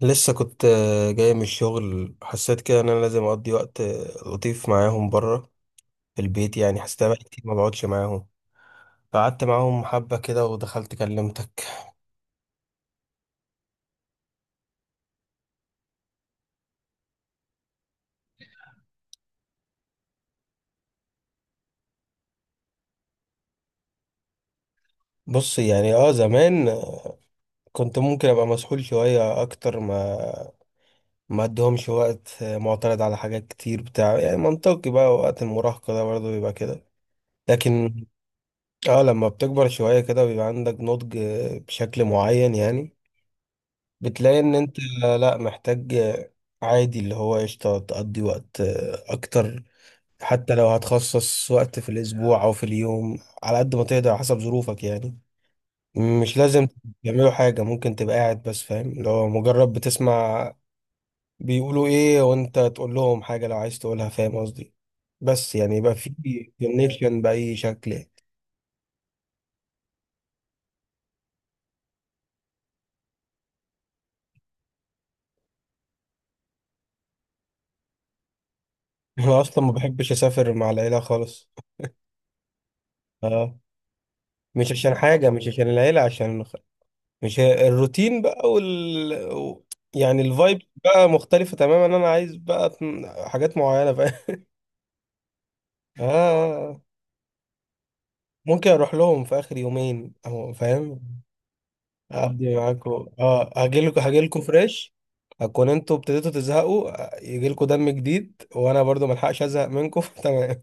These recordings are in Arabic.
لسه كنت جاي من الشغل. حسيت كده ان انا لازم اقضي وقت لطيف معاهم بره في البيت. يعني حسيت بقى كتير ما بقعدش معاهم. قعدت معاهم حبة كده ودخلت كلمتك. بص يعني اه زمان كنت ممكن ابقى مسحول شوية اكتر ما اديهمش وقت، معترض على حاجات كتير بتاع، يعني منطقي بقى وقت المراهقة ده برضه بيبقى كده. لكن اه لما بتكبر شوية كده بيبقى عندك نضج بشكل معين. يعني بتلاقي ان انت لا محتاج، عادي اللي هو قشطة تقضي وقت اكتر، حتى لو هتخصص وقت في الاسبوع او في اليوم على قد ما تقدر على حسب ظروفك. يعني مش لازم تعملوا حاجة، ممكن تبقى قاعد بس، فاهم، اللي هو مجرد بتسمع بيقولوا ايه وانت تقول لهم حاجة لو عايز تقولها. فاهم قصدي؟ بس يعني يبقى في كونكشن بأي شكل يعني. انا اصلا ما بحبش اسافر مع العيلة خالص. اه، مش عشان حاجة، مش عشان العيلة، عشان مش هي- الروتين بقى يعني الفايب بقى مختلفة تماما. انا عايز بقى حاجات معينة، فاهم؟ اه، ممكن اروح لهم في اخر يومين او فاهم، اقضي معاكم. اه، هجيلكم فريش، هكون انتوا ابتديتوا تزهقوا، يجيلكم دم جديد، وانا برضو ملحقش ازهق منكم. تمام.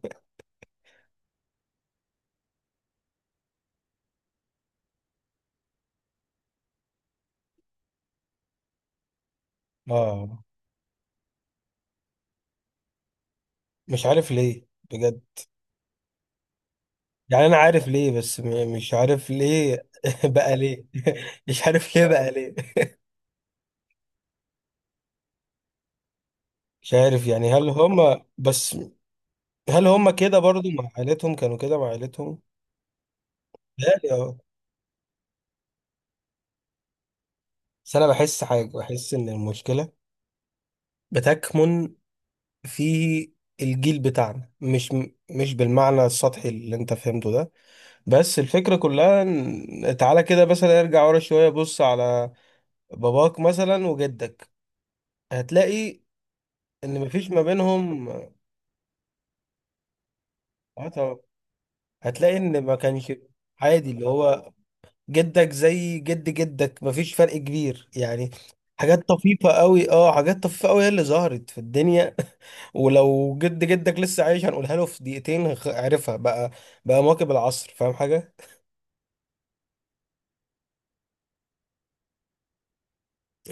اه، مش عارف ليه بجد. يعني انا عارف ليه، بس مش عارف ليه بقى ليه. مش عارف ليه بقى ليه. مش عارف، يعني هل هم بس، هل هم كده برضو مع عائلتهم كانوا كده مع عائلتهم؟ لا اه. بس انا بحس حاجه، بحس ان المشكله بتكمن في الجيل بتاعنا، مش مش بالمعنى السطحي اللي انت فهمته ده، بس الفكره كلها تعالى كده مثلا ارجع ورا شويه، بص على باباك مثلا وجدك، هتلاقي ان مفيش ما بينهم. آه طبعا. هتلاقي ان ما كانش عادي اللي هو جدك زي جد جدك مفيش فرق كبير يعني. حاجات طفيفة قوي، اه حاجات طفيفة قوي هي اللي ظهرت في الدنيا. ولو جد جدك لسه عايش هنقولها له في دقيقتين، عرفها بقى، بقى مواكب العصر. فاهم حاجة؟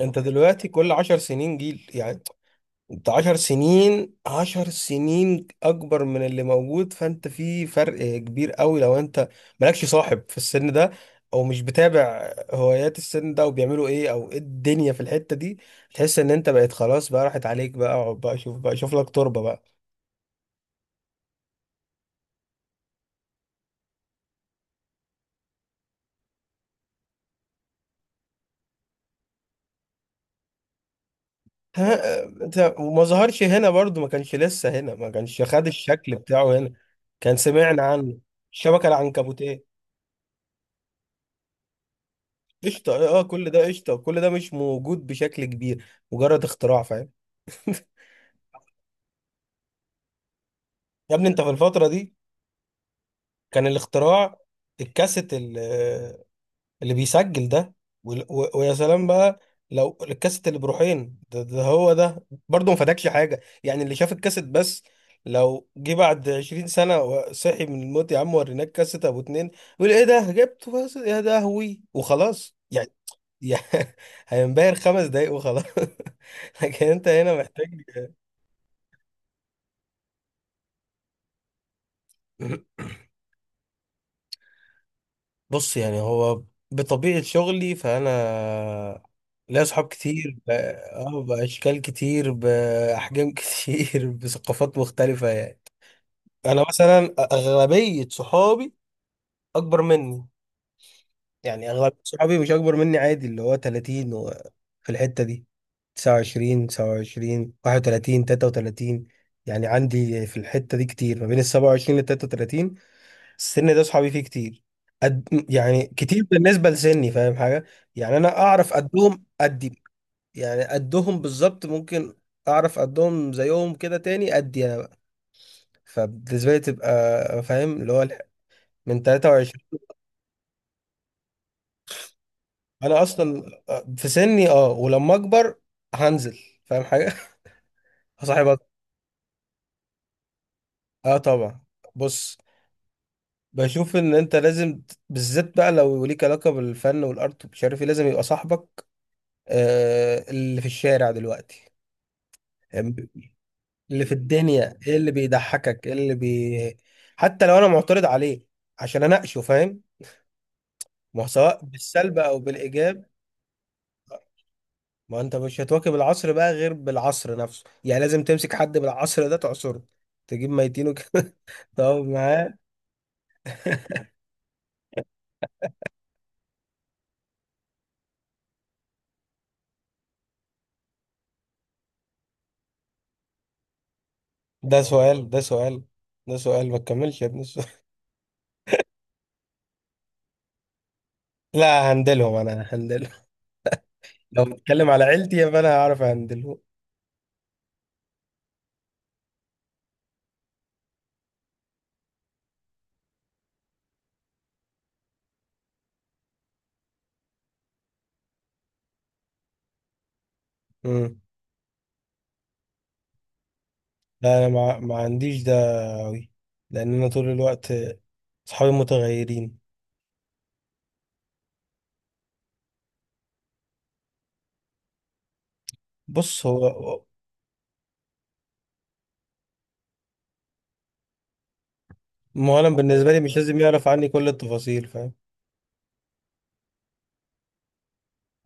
انت دلوقتي كل عشر سنين جيل يعني. انت عشر سنين، عشر سنين اكبر من اللي موجود، فانت في فرق كبير قوي لو انت مالكش صاحب في السن ده، او مش بتابع هوايات السن ده وبيعملوا ايه او ايه الدنيا في الحتة دي. تحس ان انت بقيت خلاص، بقى راحت عليك، بقى اقعد بقى، شوف بقى، شوف لك تربة بقى. ها انت، وما ظهرش هنا برضو، ما كانش لسه هنا، ما كانش خد الشكل بتاعه هنا. كان سمعنا عنه، الشبكة العنكبوتية، قشطة. اه كل ده قشطة، كل ده مش موجود بشكل كبير، مجرد اختراع، فاهم. يا ابني انت في الفترة دي كان الاختراع الكاسيت اللي بيسجل ده، ويا سلام بقى لو الكاسيت اللي بروحين ده, ده هو ده برضه ما فادكش حاجة يعني. اللي شاف الكاسيت بس، لو جه بعد 20 سنة وصحي من الموت يا عم، وريناك كاسيت ابو اتنين، يقول ايه ده جبته، بس يا ده هوي وخلاص يعني. يعني هينبهر خمس دقايق وخلاص. لكن انت هنا محتاج، بص يعني هو بطبيعة شغلي فأنا ليا أصحاب كتير، بأشكال كتير، بأحجام كتير، بثقافات مختلفة يعني. أنا مثلا أغلبية صحابي أكبر مني، يعني أغلبية صحابي مش أكبر مني، عادي اللي هو 30 و- في الحتة دي، 29 31 33. يعني عندي في الحتة دي كتير ما بين ال 27 لل 33. السن ده صحابي فيه كتير قد، يعني كتير بالنسبة لسني. فاهم حاجة؟ يعني أنا أعرف قدهم قدي، يعني قدهم بالظبط. ممكن أعرف قدهم زيهم كده تاني قدي أنا بقى، فبالنسبة لي تبقى فاهم اللي هو من 23. أنا أصلا في سني أه، ولما أكبر هنزل، فاهم حاجة؟ هصاحب أكتر. أه طبعا. بص، بشوف إن أنت لازم بالذات بقى لو ليك علاقة بالفن والأرت ومش عارف إيه، لازم يبقى صاحبك اللي في الشارع دلوقتي، اللي في الدنيا. ايه اللي بيضحكك، ايه اللي بي، حتى لو انا معترض عليه عشان اناقشه، فاهم، ما هو سواء بالسلب او بالايجاب. ما انت مش هتواكب العصر بقى غير بالعصر نفسه، يعني لازم تمسك حد بالعصر ده تعصره، تجيب ميتينه كده تقعد معاه. ده سؤال، ده سؤال، ده سؤال ما تكملش يا ابني السؤال. لا هندلهم، انا هندلهم. لو بتكلم على عيلتي فانا هعرف هندلهم. لا انا ما عنديش ده أوي، لان انا طول الوقت اصحابي متغيرين. بص هو، ما انا بالنسبه لي مش لازم يعرف عني كل التفاصيل، فاهم.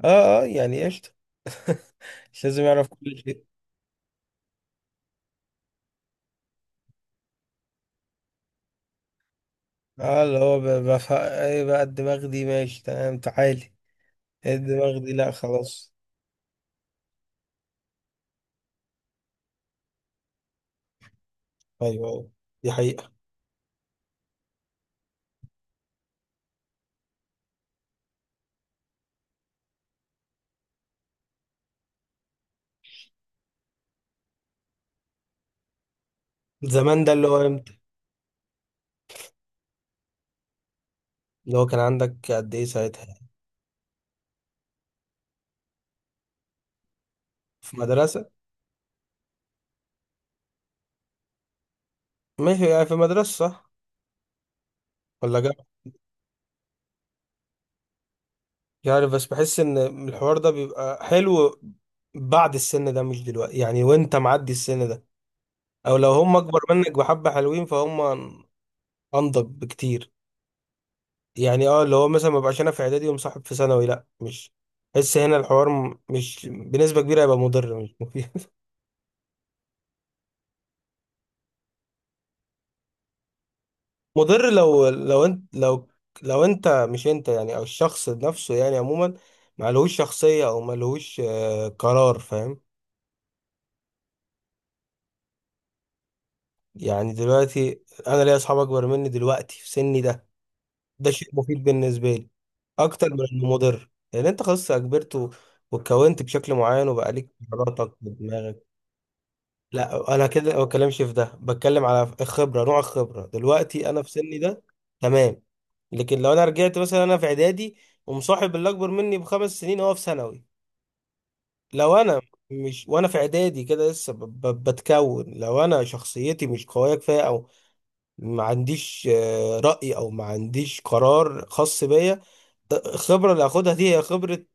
اه اه يعني قشطه. مش لازم يعرف كل شيء. اه اللي هو بفهم ايه بقى، الدماغ دي ماشي تمام تعالي، إيه الدماغ دي لا خلاص. ايوه ايوه، دي حقيقه. زمان ده اللي هو امتى؟ اللي هو كان عندك قد ايه ساعتها؟ في مدرسه؟ ماشي يعني، في مدرسه صح ولا جامعه؟ يعني بس بحس ان الحوار ده بيبقى حلو بعد السن ده، مش دلوقتي يعني وانت معدي السن ده، او لو هم اكبر منك بحبة حلوين فهم، انضج بكتير. يعني اه اللي هو مثلا ما بقاش انا في اعدادي ومصاحب في ثانوي، لا مش، بحس هنا الحوار مش بنسبة كبيرة هيبقى مضر، مش مفيد. مضر لو لو انت لو لو انت مش انت يعني، او الشخص نفسه يعني عموما، ملهوش شخصية او ملهوش قرار، فاهم. يعني دلوقتي انا ليا اصحاب اكبر مني دلوقتي في سني ده، ده شيء مفيد بالنسبة لي أكتر من إنه مضر، لأن أنت خلاص كبرت و- واتكونت بشكل معين وبقى ليك قراراتك ودماغك. لا أنا كده ما بتكلمش في ده، بتكلم على الخبرة، نوع الخبرة دلوقتي أنا في سني ده. تمام. لكن لو أنا رجعت مثلا أنا في إعدادي ومصاحب اللي أكبر مني بخمس سنين وهو في ثانوي. لو أنا، مش وأنا في إعدادي كده لسه بتكون، لو أنا شخصيتي مش قوية كفاية، أو ما عنديش رأي، أو ما عنديش قرار خاص بيا، الخبرة اللي هاخدها دي هي خبرة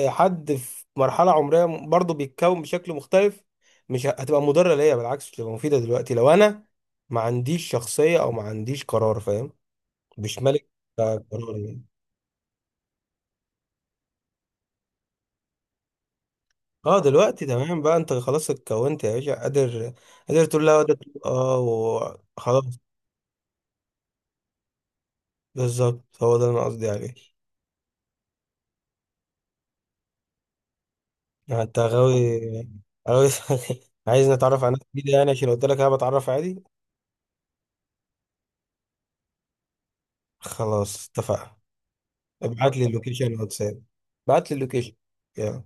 حد في مرحلة عمرية برضه بيتكون بشكل مختلف، مش هتبقى مضرة ليا، بالعكس تبقى مفيدة. دلوقتي لو أنا ما عنديش شخصية أو ما عنديش قرار، فاهم، مش ملك قرار يعني. اه دلوقتي تمام بقى، انت خلاص اتكونت يا باشا، قادر قادر تقول لا، قادر تقول اه، وخلاص. بالظبط، هو ده اللي انا قصدي عليه. يعني انت غاوي، غاوي عايز نتعرف على ناس جديدة، يعني عشان قلت لك انا بتعرف عادي. خلاص اتفقنا. ابعت لي اللوكيشن واتساب، ابعت لي اللوكيشن. يلا